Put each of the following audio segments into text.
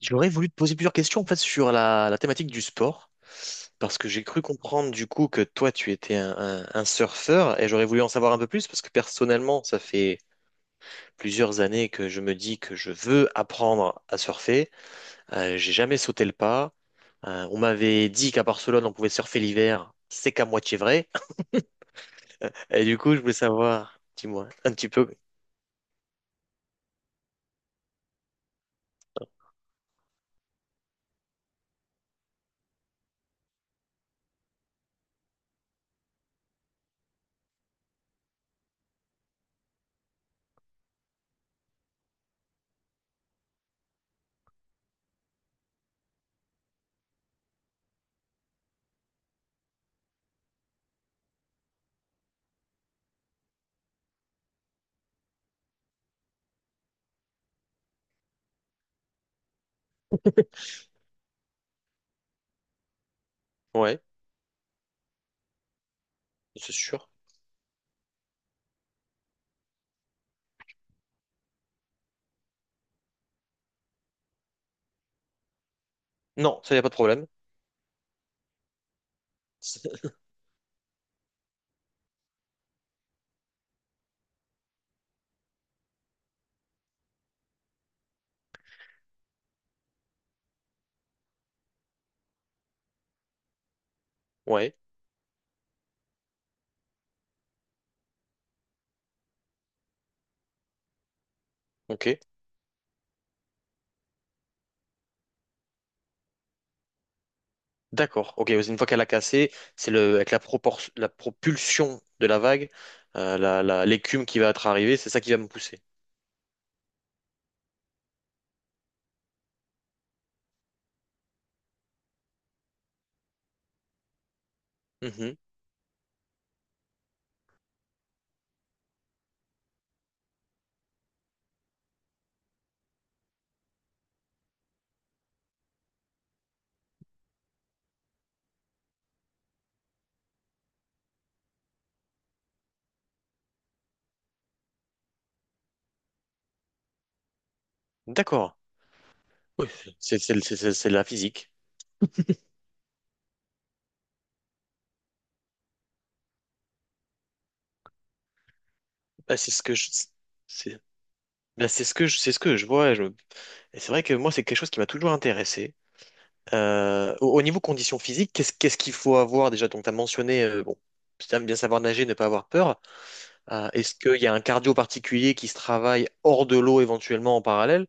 J'aurais voulu te poser plusieurs questions en fait sur la thématique du sport, parce que j'ai cru comprendre du coup que toi tu étais un surfeur et j'aurais voulu en savoir un peu plus parce que personnellement ça fait plusieurs années que je me dis que je veux apprendre à surfer. J'ai jamais sauté le pas. On m'avait dit qu'à Barcelone on pouvait surfer l'hiver, c'est qu'à moitié vrai. Et du coup je voulais savoir, dis-moi un petit peu. Ouais, c'est sûr. Non, ça y a pas de problème. Ouais, ok. D'accord. Ok, une fois qu'elle a cassé, c'est le avec la propulsion de la vague, l'écume qui va être arrivée, c'est ça qui va me pousser. Mhm. D'accord. Oui, c'est la physique. Bah, c'est ce que je c'est bah, c'est ce que je c'est ce que je vois. Et c'est vrai que moi c'est quelque chose qui m'a toujours intéressé. Au niveau conditions physiques, qu'est-ce qu'il faut avoir déjà? Donc tu as mentionné bon, c'est bien savoir nager, ne pas avoir peur. Est-ce qu'il y a un cardio particulier qui se travaille hors de l'eau éventuellement en parallèle?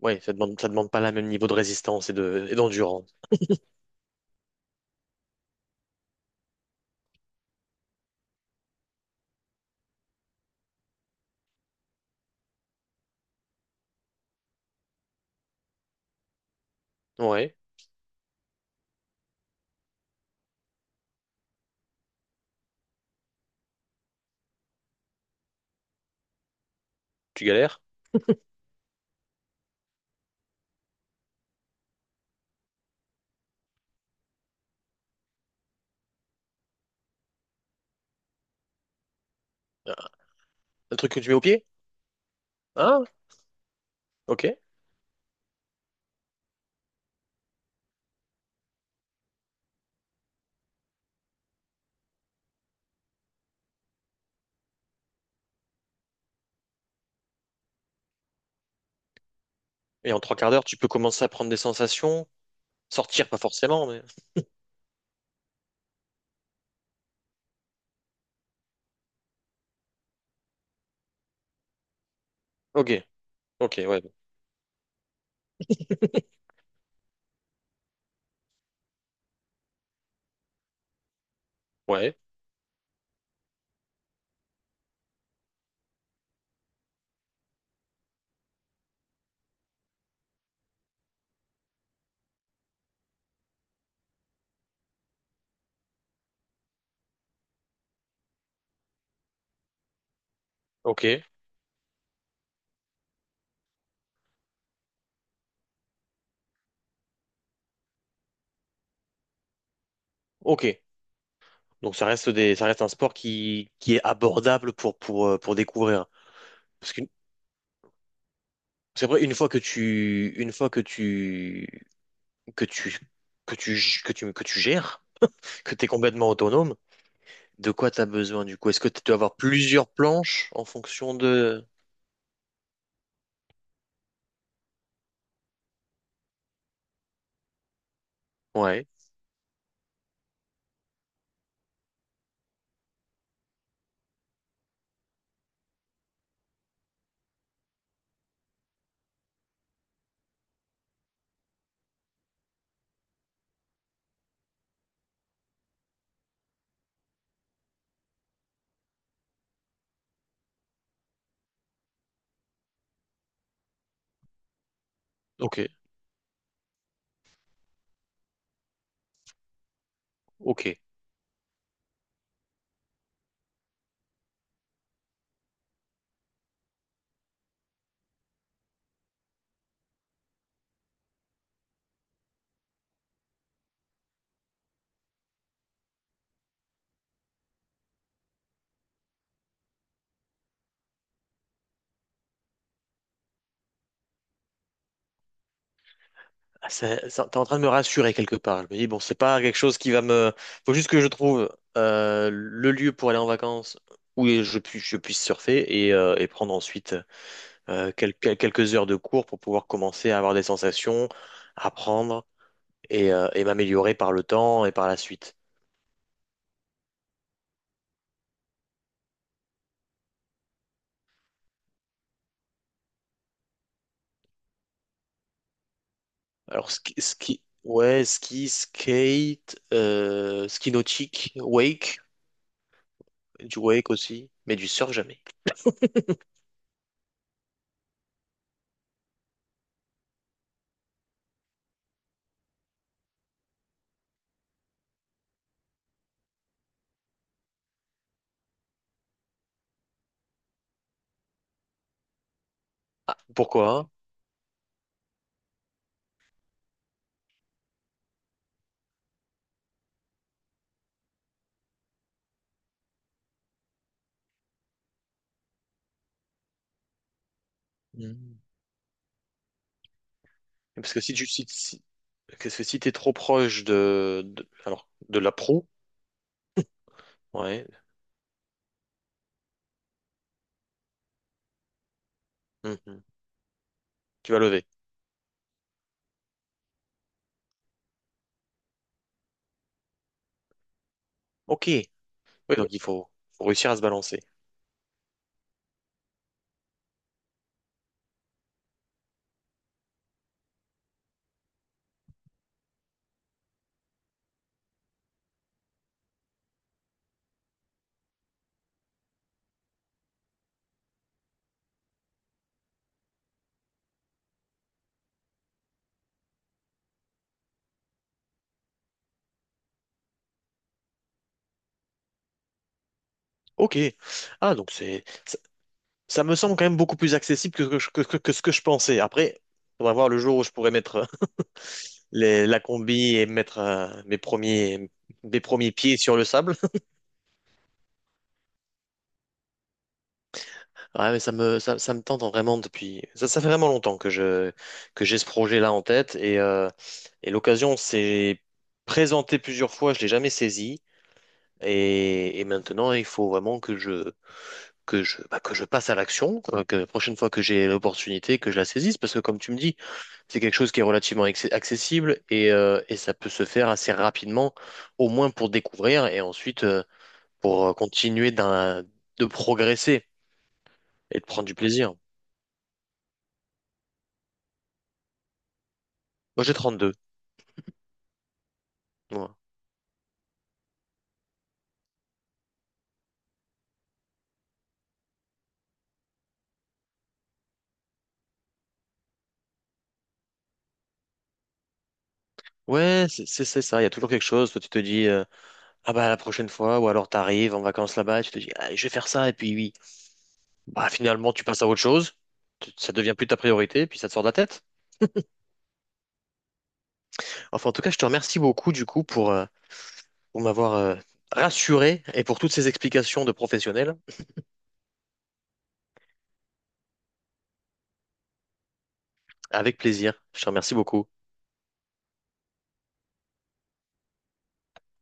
Ouais, ça demande pas le même niveau de résistance et et d'endurance. Ouais, tu galères. Un truc que tu mets au pied? Hein? Ok. Et en trois quarts d'heure, tu peux commencer à prendre des sensations. Sortir, pas forcément, mais. Ok, ok, ouais. Ouais, ok, ok. Donc ça reste un sport qui est abordable pour découvrir. Parce que c'est vrai, une fois que tu, une fois que tu, que tu, que tu, que tu, que tu gères, que tu es complètement autonome, de quoi t'as besoin du coup? Est-ce que tu dois avoir plusieurs planches en fonction de... Ouais, ok, ok. Ah, t'es en train de me rassurer quelque part. Je me dis, bon, c'est pas quelque chose qui va me... Faut juste que je trouve le lieu pour aller en vacances où je, puis, je puisse surfer et prendre ensuite quelques heures de cours pour pouvoir commencer à avoir des sensations, apprendre et m'améliorer par le temps et par la suite. Alors, ski, skate, ski nautique, wake. Du wake aussi, mais du surf jamais. Ah, pourquoi? Mhm. Parce que si tu si, si- parce que si t'es trop proche alors de la pro, ouais, mhm, tu vas lever. Ok. Oui, donc il faut, faut réussir à se balancer. Ok. Ah, donc c'est ça, ça me semble quand même beaucoup plus accessible que ce que je pensais. Après, on va voir le jour où je pourrais mettre les, la combi et mettre mes premiers pieds sur le sable. Ouais, mais ça me tente vraiment depuis. Ça fait vraiment longtemps que je, que j'ai ce projet-là en tête et l'occasion s'est présentée plusieurs fois, je l'ai jamais saisie et maintenant il faut vraiment que je, bah, que je passe à l'action, quoi, que la prochaine fois que j'ai l'opportunité, que je la saisisse parce que comme tu me dis, c'est quelque chose qui est relativement accessible et ça peut se faire assez rapidement, au moins pour découvrir et ensuite pour continuer de progresser et de prendre du plaisir. Moi j'ai 32. Ouais. Ouais, c'est ça. Il y a toujours quelque chose. Toi, tu te dis, ah bah la prochaine fois, ou alors t'arrives en vacances là-bas, tu te dis, ah, je vais faire ça, et puis oui. Bah, finalement, tu passes à autre chose. Tu... Ça devient plus ta priorité, puis ça te sort de la tête. Enfin, en tout cas, je te remercie beaucoup du coup pour m'avoir rassuré et pour toutes ces explications de professionnels. Avec plaisir. Je te remercie beaucoup.